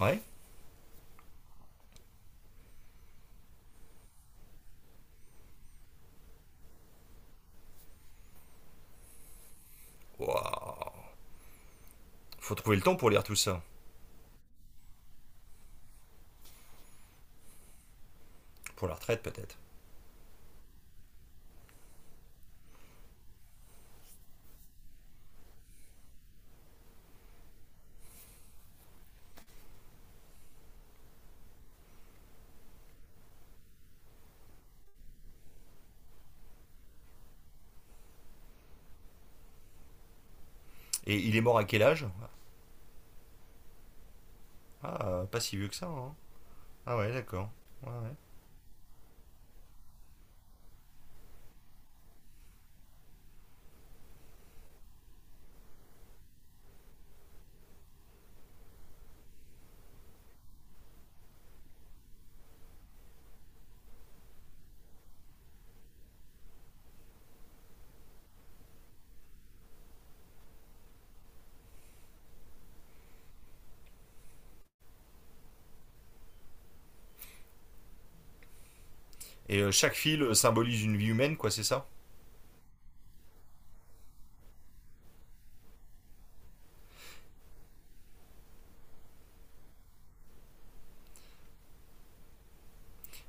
Ouais. Waouh. Faut trouver le temps pour lire tout ça. Pour la retraite, peut-être. Et il est mort à quel âge? Ah, pas si vieux que ça, hein. Ah, ouais, d'accord. Ouais, ouais. Et chaque fil symbolise une vie humaine, quoi, c'est ça?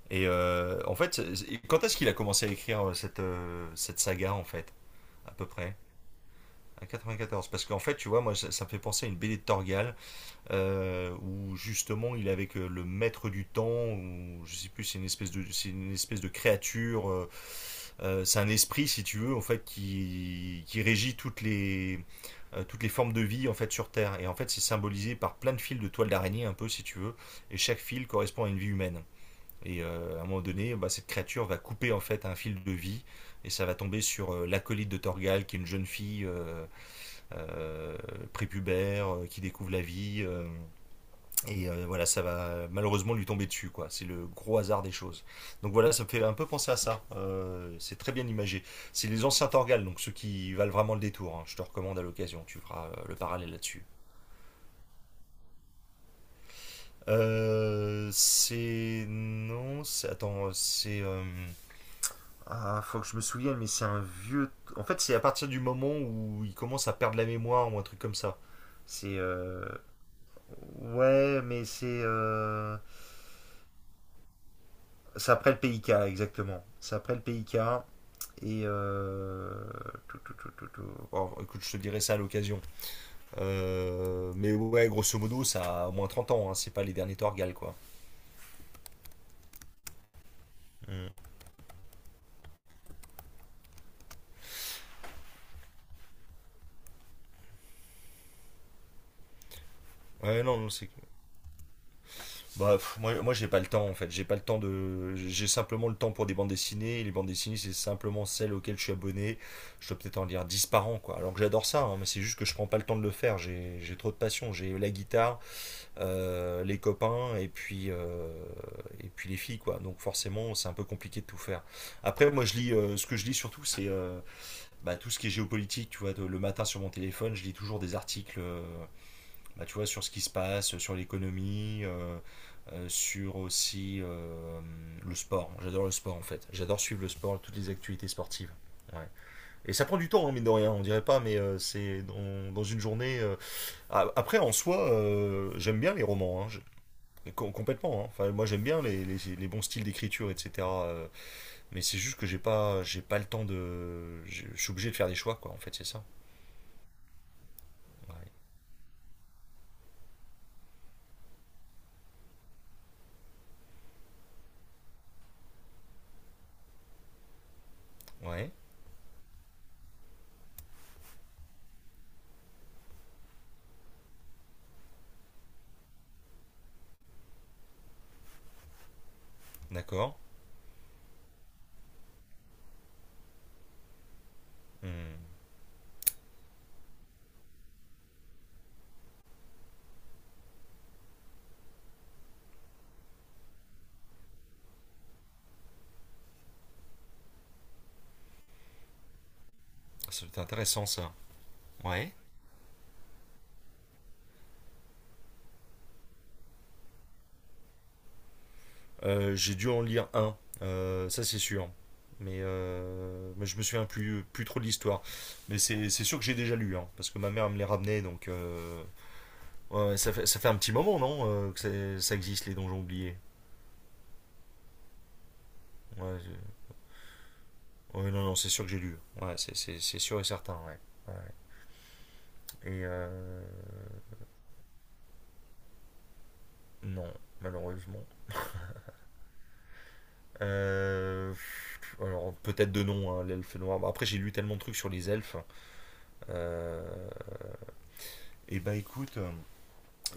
Et en fait, quand est-ce qu'il a commencé à écrire cette saga, en fait? À peu près à quatre-vingt-quatorze, parce qu'en fait, tu vois, moi, ça me fait penser à une BD de Torgal, où justement, il est avec le maître du temps, ou je sais plus, c'est une espèce de, c'est une espèce de créature. Euh, c'est un esprit, si tu veux, en fait, qui régit toutes toutes les formes de vie en fait sur Terre. Et en fait, c'est symbolisé par plein de fils de toile d'araignée, un peu, si tu veux. Et chaque fil correspond à une vie humaine. Et à un moment donné, bah, cette créature va couper en fait un fil de vie et ça va tomber sur l'acolyte de Torgal, qui est une jeune fille euh, prépubère qui découvre la vie, voilà, ça va malheureusement lui tomber dessus, quoi. C'est le gros hasard des choses. Donc voilà, ça me fait un peu penser à ça. C'est très bien imagé. C'est les anciens Torgal, donc ceux qui valent vraiment le détour, hein. Je te recommande à l'occasion, tu feras le parallèle là-dessus. C'est. Non, c'est. attends, c'est. Ah, faut que je me souvienne. En fait, c'est à partir du moment où il commence à perdre la mémoire ou un truc comme ça. C'est. Ouais, mais c'est après le PIK, exactement. C'est après le PIK. Et euh, Bon, écoute, je te dirai ça à l'occasion. Mais ouais, grosso modo, ça a au moins 30 ans, hein, c'est pas les derniers Torgal, quoi. Mm. Ouais, non, c'est. Bah, pff, moi, moi j'ai pas le temps, en fait. J'ai pas le temps de. J'ai simplement le temps pour des bandes dessinées. Et les bandes dessinées, c'est simplement celles auxquelles je suis abonné. Je dois peut-être en lire 10 par an, quoi. Alors que j'adore ça, hein, mais c'est juste que je prends pas le temps de le faire. J'ai trop de passion. J'ai la guitare, les copains et puis les filles, quoi. Donc forcément c'est un peu compliqué de tout faire. Après moi je lis ce que je lis surtout c'est bah, tout ce qui est géopolitique, tu vois, le matin sur mon téléphone, je lis toujours des articles bah, tu vois, sur ce qui se passe, sur l'économie, sur aussi le sport. J'adore le sport en fait. J'adore suivre le sport, toutes les actualités sportives. Ouais. Et ça prend du temps, hein, mine de rien, on dirait pas, mais c'est dans une journée. Après, en soi, j'aime bien les romans, hein. Et complètement, hein. Enfin, moi j'aime bien les bons styles d'écriture, etc., mais c'est juste que j'ai pas le temps de. Je suis obligé de faire des choix, quoi. En fait, c'est ça. Ouais. Ouais. D'accord. Hmm. C'est intéressant ça. Ouais. J'ai dû en lire un, ça c'est sûr. Mais je me souviens plus, plus trop de l'histoire. Mais c'est sûr que j'ai déjà lu, hein, parce que ma mère me les ramenait, donc ouais, ouais, ça fait un petit moment, non, que ça existe, les donjons oubliés. Ouais. Oui, non, non, c'est sûr que j'ai lu. Ouais, c'est sûr et certain, ouais. Ouais. Et euh, non, malheureusement. Euh, alors, peut-être de nom, hein, l'elfe noir. Bon, après, j'ai lu tellement de trucs sur les elfes. Euh, et bah, écoute,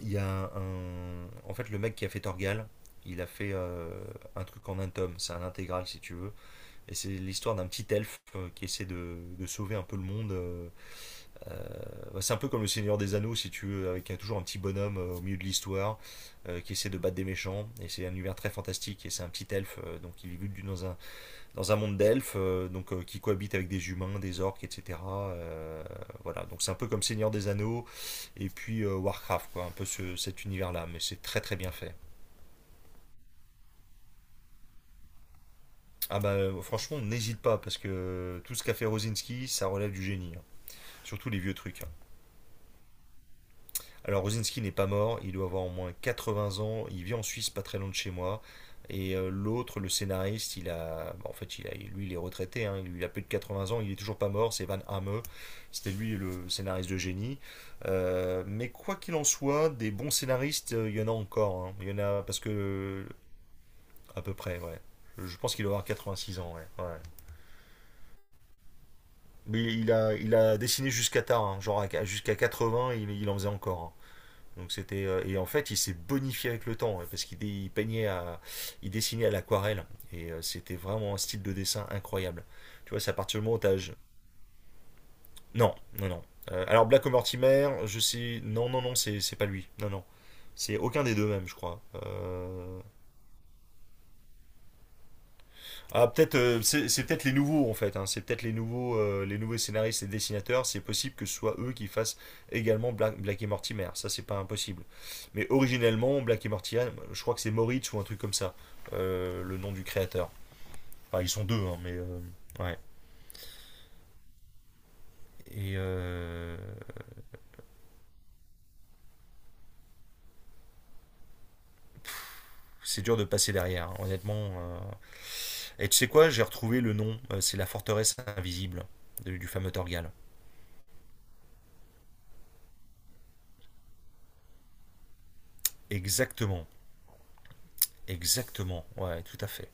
il y a un. En fait, le mec qui a fait Torgal, il a fait un truc en un tome. C'est un intégral, si tu veux. Et c'est l'histoire d'un petit elfe qui essaie de sauver un peu le monde. Euh, Bah, c'est un peu comme le Seigneur des Anneaux, si tu veux, avec toujours un petit bonhomme au milieu de l'histoire, qui essaie de battre des méchants. Et c'est un univers très fantastique. Et c'est un petit elfe, donc il vit dans un monde d'elfes, qui cohabite avec des humains, des orques, etc. Voilà, donc c'est un peu comme Seigneur des Anneaux et puis Warcraft, quoi, un peu cet univers-là. Mais c'est très très bien fait. Ah bah, franchement, n'hésite pas, parce que tout ce qu'a fait Rosinski, ça relève du génie, hein. Surtout les vieux trucs, hein. Alors Rosinski n'est pas mort, il doit avoir au moins 80 ans, il vit en Suisse pas très loin de chez moi. Et l'autre, le scénariste, il a, bah, en fait, il a, lui, il est retraité, hein, il a plus de 80 ans, il est toujours pas mort, c'est Van Hamme, c'était lui le scénariste de génie. Mais quoi qu'il en soit, des bons scénaristes, il y en a encore, hein. Il y en a, parce que, à peu près, ouais. Je pense qu'il doit avoir 86 ans, ouais, ouais. Mais il a dessiné jusqu'à tard, hein, genre jusqu'à 80, il en faisait encore, hein. Donc c'était et en fait il s'est bonifié avec le temps, hein, parce qu'il peignait à il dessinait à l'aquarelle et c'était vraiment un style de dessin incroyable. Tu vois, c'est à partir du moment où non, non, non. Alors Black Mortimer, je sais. Non, non, non, c'est pas lui. Non, non. C'est aucun des deux même, je crois. Ah, peut-être, c'est peut-être les nouveaux en fait, hein. C'est peut-être les nouveaux scénaristes et dessinateurs. C'est possible que ce soit eux qui fassent également Black et Mortimer. Ça, c'est pas impossible. Mais originellement, Black et Mortimer, je crois que c'est Moritz ou un truc comme ça, le nom du créateur. Enfin, ils sont deux, hein, mais ouais. Et euh, c'est dur de passer derrière, hein, honnêtement. Et tu sais quoi, j'ai retrouvé le nom. C'est la forteresse invisible du fameux Torgal. Exactement, exactement. Ouais, tout à fait.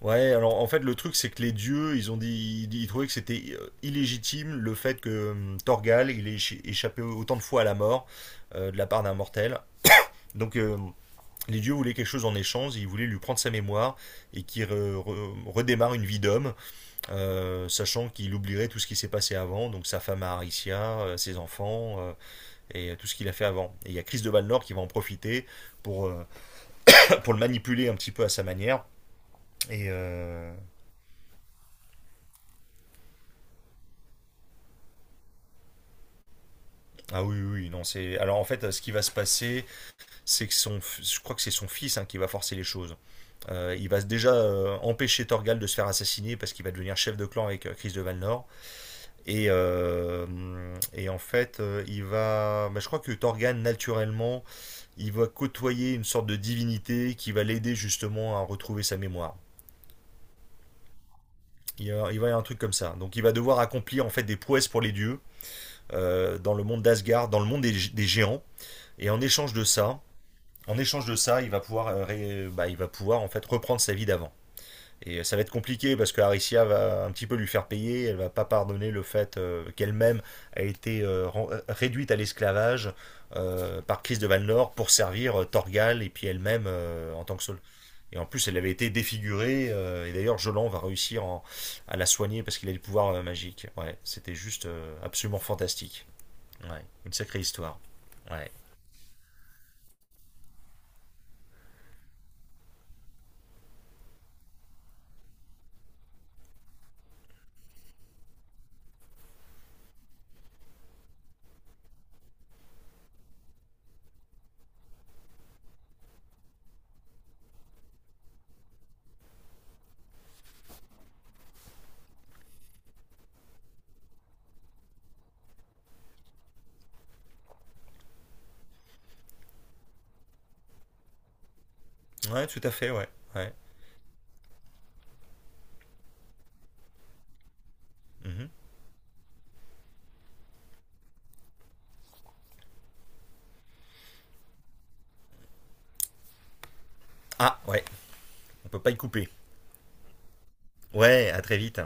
Ouais, alors en fait le truc c'est que les dieux, ils ont dit, ils trouvaient que c'était illégitime, le fait que Torgal il ait échappé autant de fois à la mort de la part d'un mortel. Donc les dieux voulaient quelque chose en échange, ils voulaient lui prendre sa mémoire et qu'il redémarre une vie d'homme, sachant qu'il oublierait tout ce qui s'est passé avant, donc sa femme à Aricia, ses enfants, et tout ce qu'il a fait avant. Et il y a Chris de Valnor qui va en profiter pour, euh, pour le manipuler un petit peu à sa manière. Et, euh, Ah oui, oui, oui, non, c'est. Alors en fait, ce qui va se passer, c'est que son. Je crois que c'est son fils, hein, qui va forcer les choses. Il va déjà empêcher Torgal de se faire assassiner parce qu'il va devenir chef de clan avec Chris de Valnor. Et, euh, et en fait, il va. Bah, je crois que Torgal, naturellement, il va côtoyer une sorte de divinité qui va l'aider justement à retrouver sa mémoire. Il va y avoir un truc comme ça. Donc il va devoir accomplir en fait des prouesses pour les dieux, dans le monde d'Asgard, dans le monde des géants. Et en échange de ça, il va pouvoir, bah, il va pouvoir en fait reprendre sa vie d'avant. Et ça va être compliqué parce que Aricia va un petit peu lui faire payer. Elle va pas pardonner le fait qu'elle-même a été réduite à l'esclavage par Chris de Valnor pour servir Torgal et puis elle-même en tant que Saul. Et en plus, elle avait été défigurée, et d'ailleurs, Jolan va réussir à la soigner parce qu'il a des pouvoirs magiques. Ouais, c'était juste absolument fantastique. Ouais, une sacrée histoire. Ouais, ouais, tout à fait. Ouais, ouais. Mhm. Ah, ouais. On peut pas y couper. Ouais, à très vite.